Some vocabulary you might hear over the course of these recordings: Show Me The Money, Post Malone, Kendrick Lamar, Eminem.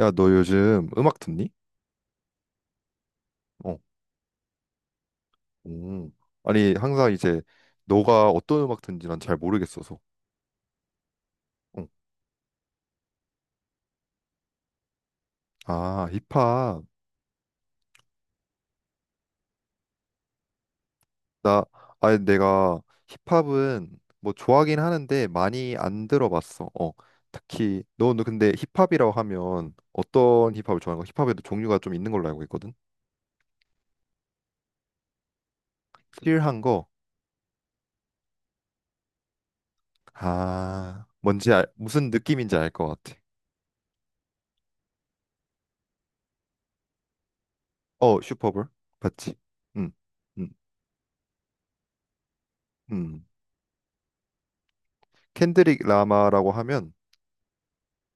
야, 너 요즘 음악 듣니? 어, 음. 아니, 항상 이제 너가 어떤 음악 듣는지 난 잘 모르겠어서. 응. 아, 힙합. 나, 아니, 내가 힙합은 뭐 좋아하긴 하는데 많이 안 들어봤어. 어, 특히 너는 근데 힙합이라고 하면 어떤 힙합을 좋아하는 거? 힙합에도 종류가 좀 있는 걸로 알고 있거든. 킬한 거. 아, 뭔지 알, 무슨 느낌인지 알 것 같아. 어, 슈퍼볼 봤지? 응 응 음. 켄드릭 라마라고 하면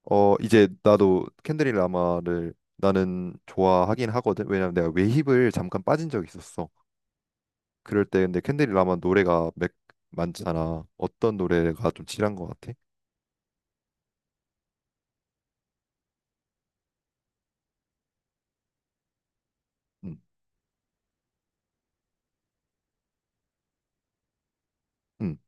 어 이제 나도 캔드릭 라마를 나는 좋아하긴 하거든. 왜냐면 내가 외힙을 잠깐 빠진 적이 있었어. 그럴 때 근데 캔드릭 라마 노래가 맥 많잖아. 어떤 노래가 좀 칠한 것 같아? 음, 음,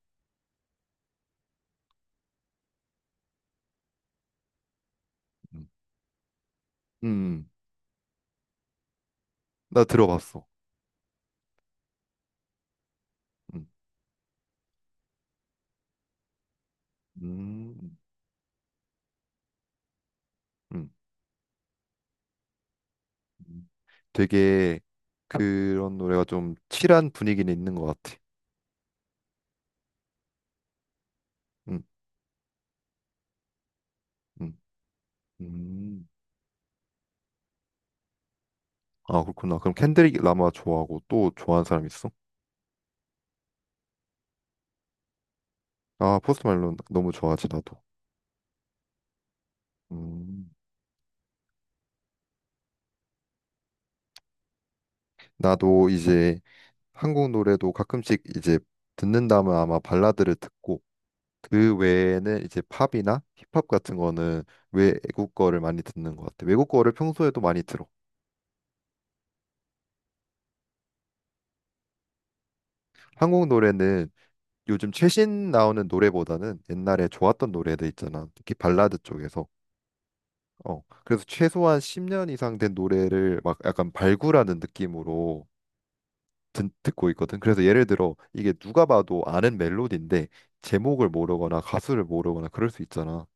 음, 음. 음. 나 들어봤어. 음, 음, 음. 음. 되게 그런 노래가 좀 칠한 분위기는 있는 것 같아. 음, 음, 음. 아 그렇구나. 그럼 캔드릭 라마 좋아하고 또 좋아하는 사람 있어? 아 포스트 말론 너무 좋아하지 나도. 음. 나도 이제 한국 노래도 가끔씩 이제 듣는다면 아마 발라드를 듣고 그 외에는 이제 팝이나 힙합 같은 거는 외국 거를 많이 듣는 것 같아. 외국 거를 평소에도 많이 들어. 한국 노래는 요즘 최신 나오는 노래보다는 옛날에 좋았던 노래들 있잖아. 특히 발라드 쪽에서. 어, 그래서 최소한 10년 이상 된 노래를 막 약간 발굴하는 느낌으로 듣고 있거든. 그래서 예를 들어 이게 누가 봐도 아는 멜로디인데 제목을 모르거나 가수를 모르거나 그럴 수 있잖아.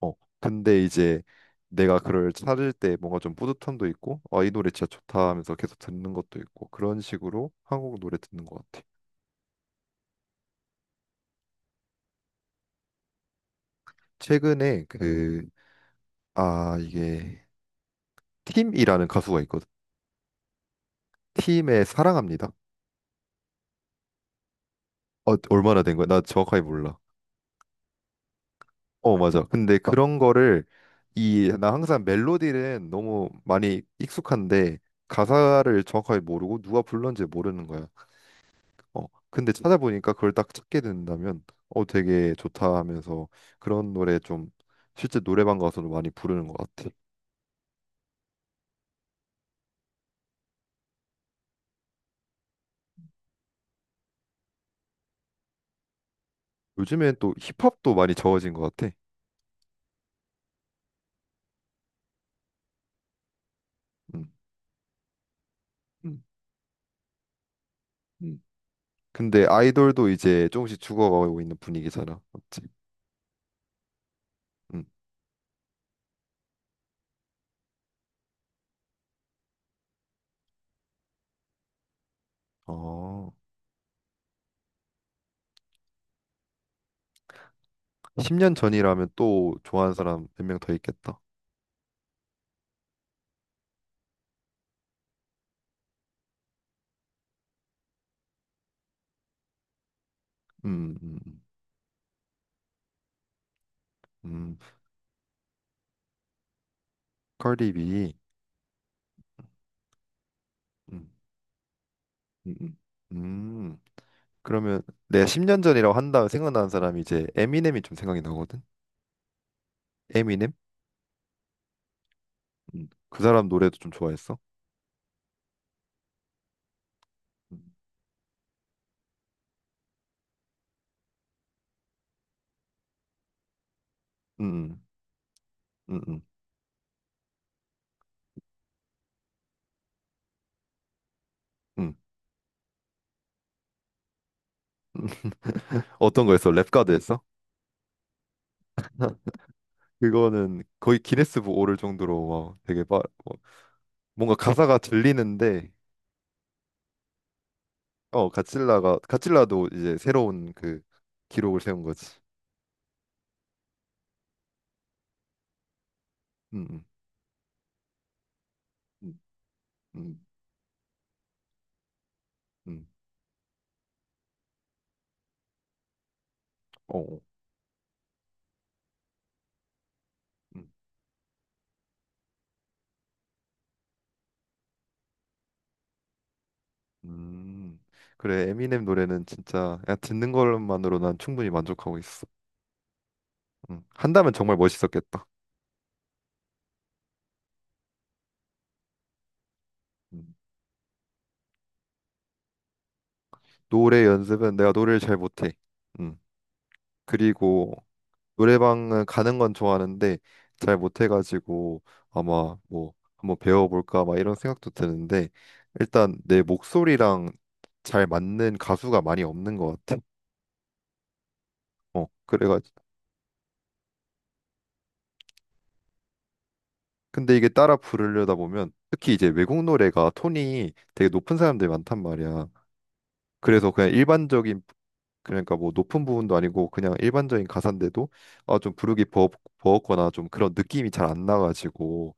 어, 근데 이제 내가 그를 찾을 때 뭔가 좀 뿌듯함도 있고, 아, 이 노래 진짜 좋다 하면서 계속 듣는 것도 있고 그런 식으로 한국 노래 듣는 것 같아. 최근에 그, 아, 이게 팀이라는 가수가 있거든. 팀의 사랑합니다. 어, 얼마나 된 거야? 나 정확하게 몰라. 어, 맞아. 근데 어, 그런 거를 이 나 항상 멜로디는 너무 많이 익숙한데 가사를 정확하게 모르고 누가 불렀는지 모르는 거야. 어, 근데 찾아보니까 그걸 딱 찾게 된다면 어 되게 좋다 하면서 그런 노래 좀 실제 노래방 가서도 많이 부르는 것 같아. 요즘엔 또 힙합도 많이 저어진 것 같아. 음. 음, 음. 근데 아이돌도 이제 조금씩 죽어가고 있는 분위기잖아. 맞지? 음. 어, 10년 전이라면 또 좋아하는 사람 몇 명 더 있겠다. 음, 음, 음. 컬립이. 음, 음, 음. 음. 그러면 내가 10년 전이라고 한다면 생각나는 사람이 이제 에미넴이 좀 생각이 나거든. 에미넴? 음. 그 사람 노래도 좀 좋아했어. 음, 음, 음, 음, 음. 음. 어떤 거였어? 랩 가드였어? 그거는 거의 기네스북 오를 정도로 막 되게 빠, 뭐 뭔가 가사가 들리는데 어 가cil라가 가cil라도 이제 새로운 그 기록을 세운 거지. 음, 음, 음, 음, 음. 어, 어. 음. 음, 그래, 에미넴 노래는 진짜 그냥 듣는 것만으로 난 충분히 만족하고 있어. 한다면 정말 멋있었겠다. 음, 노래 연습은 내가 노래를 잘 못해. 음, 그리고 노래방은 가는 건 좋아하는데 잘 못해가지고 아마 뭐 한번 배워볼까 막 이런 생각도 드는데 일단 내 목소리랑 잘 맞는 가수가 많이 없는 것 같아. 어, 그래가지고 근데 이게 따라 부르려다 보면 특히 이제 외국 노래가 톤이 되게 높은 사람들이 많단 말이야. 그래서 그냥 일반적인 그러니까 뭐 높은 부분도 아니고 그냥 일반적인 가사인데도 아 좀 버겁거나 좀 그런 느낌이 잘 안 나가지고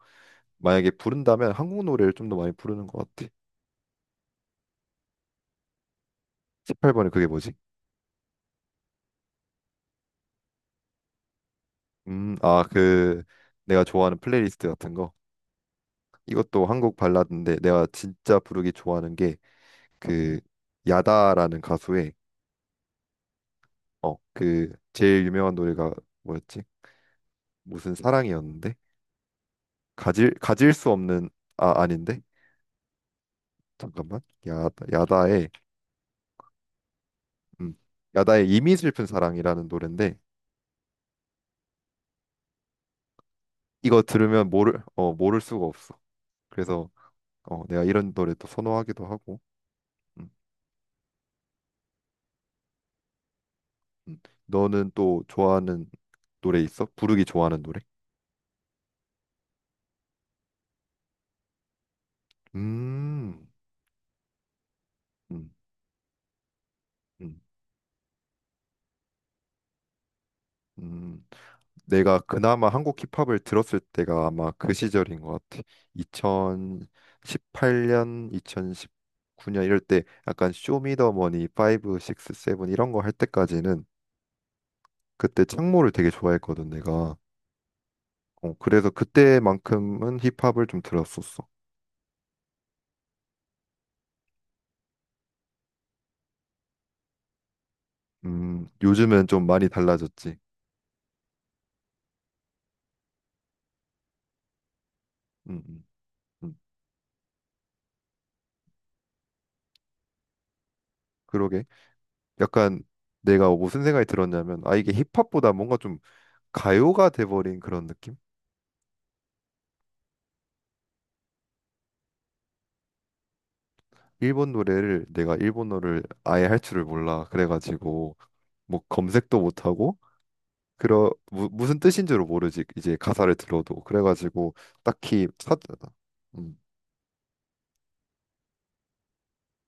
만약에 부른다면 한국 노래를 좀 더 많이 부르는 것 같아. 18번에 그게 뭐지? 아, 그 내가 좋아하는 플레이리스트 같은 거. 이것도 한국 발라드인데 내가 진짜 부르기 좋아하는 게 그 야다라는 가수의 어, 그 제일 유명한 노래가 뭐였지? 무슨 사랑이었는데? 가질 수 없는 아 아닌데? 잠깐만. 야, 야다의 음, 야다의 이미 슬픈 사랑이라는 노래인데 이거 들으면 모를 어 모를 수가 없어. 그래서 어 내가 이런 노래 또 선호하기도 하고. 음, 음. 너는 또 좋아하는 노래 있어? 부르기 좋아하는 노래? 음. 음. 음. 음. 내가 그나마 한국 힙합을 들었을 때가 아마 그 시절인 것 같아. 2018년, 2019년 이럴 때 약간 쇼미더머니 5, 6, 7 이런 거 할 때까지는 그때 창모를 되게 좋아했거든, 내가. 어, 그래서 그때만큼은 힙합을 좀 들었었어. 요즘은 좀 많이 달라졌지. 음, 음, 음. 그러게. 약간 내가 무슨 생각이 들었냐면, 아, 이게 힙합보다 뭔가 좀 가요가 돼버린 그런 느낌? 일본 노래를, 내가 일본어를 아예 할 줄을 몰라. 그래가지고, 뭐 검색도 못하고, 그러, 무슨 뜻인 줄을 모르지. 이제 가사를 들어도. 그래가지고, 딱히 찾, 음,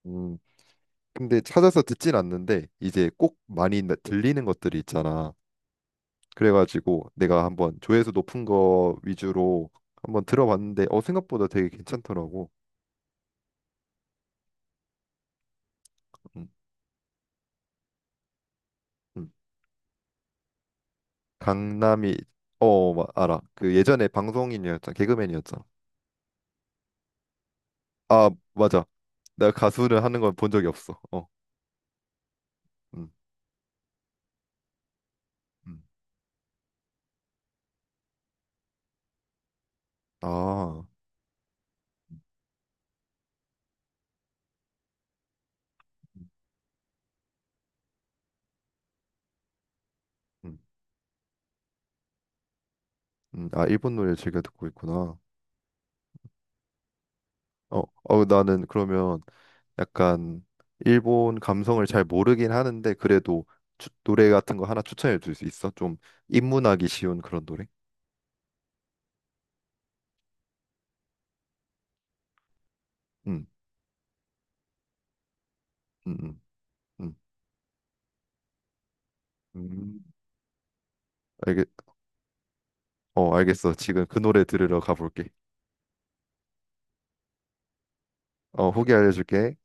음, 근데 찾아서 듣진 않는데 이제 꼭 많이 들리는 것들이 있잖아. 그래가지고 내가 한번 조회수 높은 거 위주로 한번 들어봤는데 어 생각보다 되게 괜찮더라고. 음, 음. 강남이 어 알아. 그 예전에 방송인이었잖아. 개그맨이었잖아. 아 맞아. 내가 가수를 하는 건 본 적이 없어. 어. 음, 음. 아. 음, 아 일본 노래 즐겨 듣고 있구나. 어, 어, 나는 그러면 약간 일본 감성을 잘 모르긴 하는데 그래도 노래 같은 거 하나 추천해 줄 수 있어? 좀 입문하기 쉬운 그런 노래? 음, 음, 음, 음. 음. 알겠, 어, 알겠어. 지금 그 노래 들으러 가볼게. 어, 후기 알려줄게.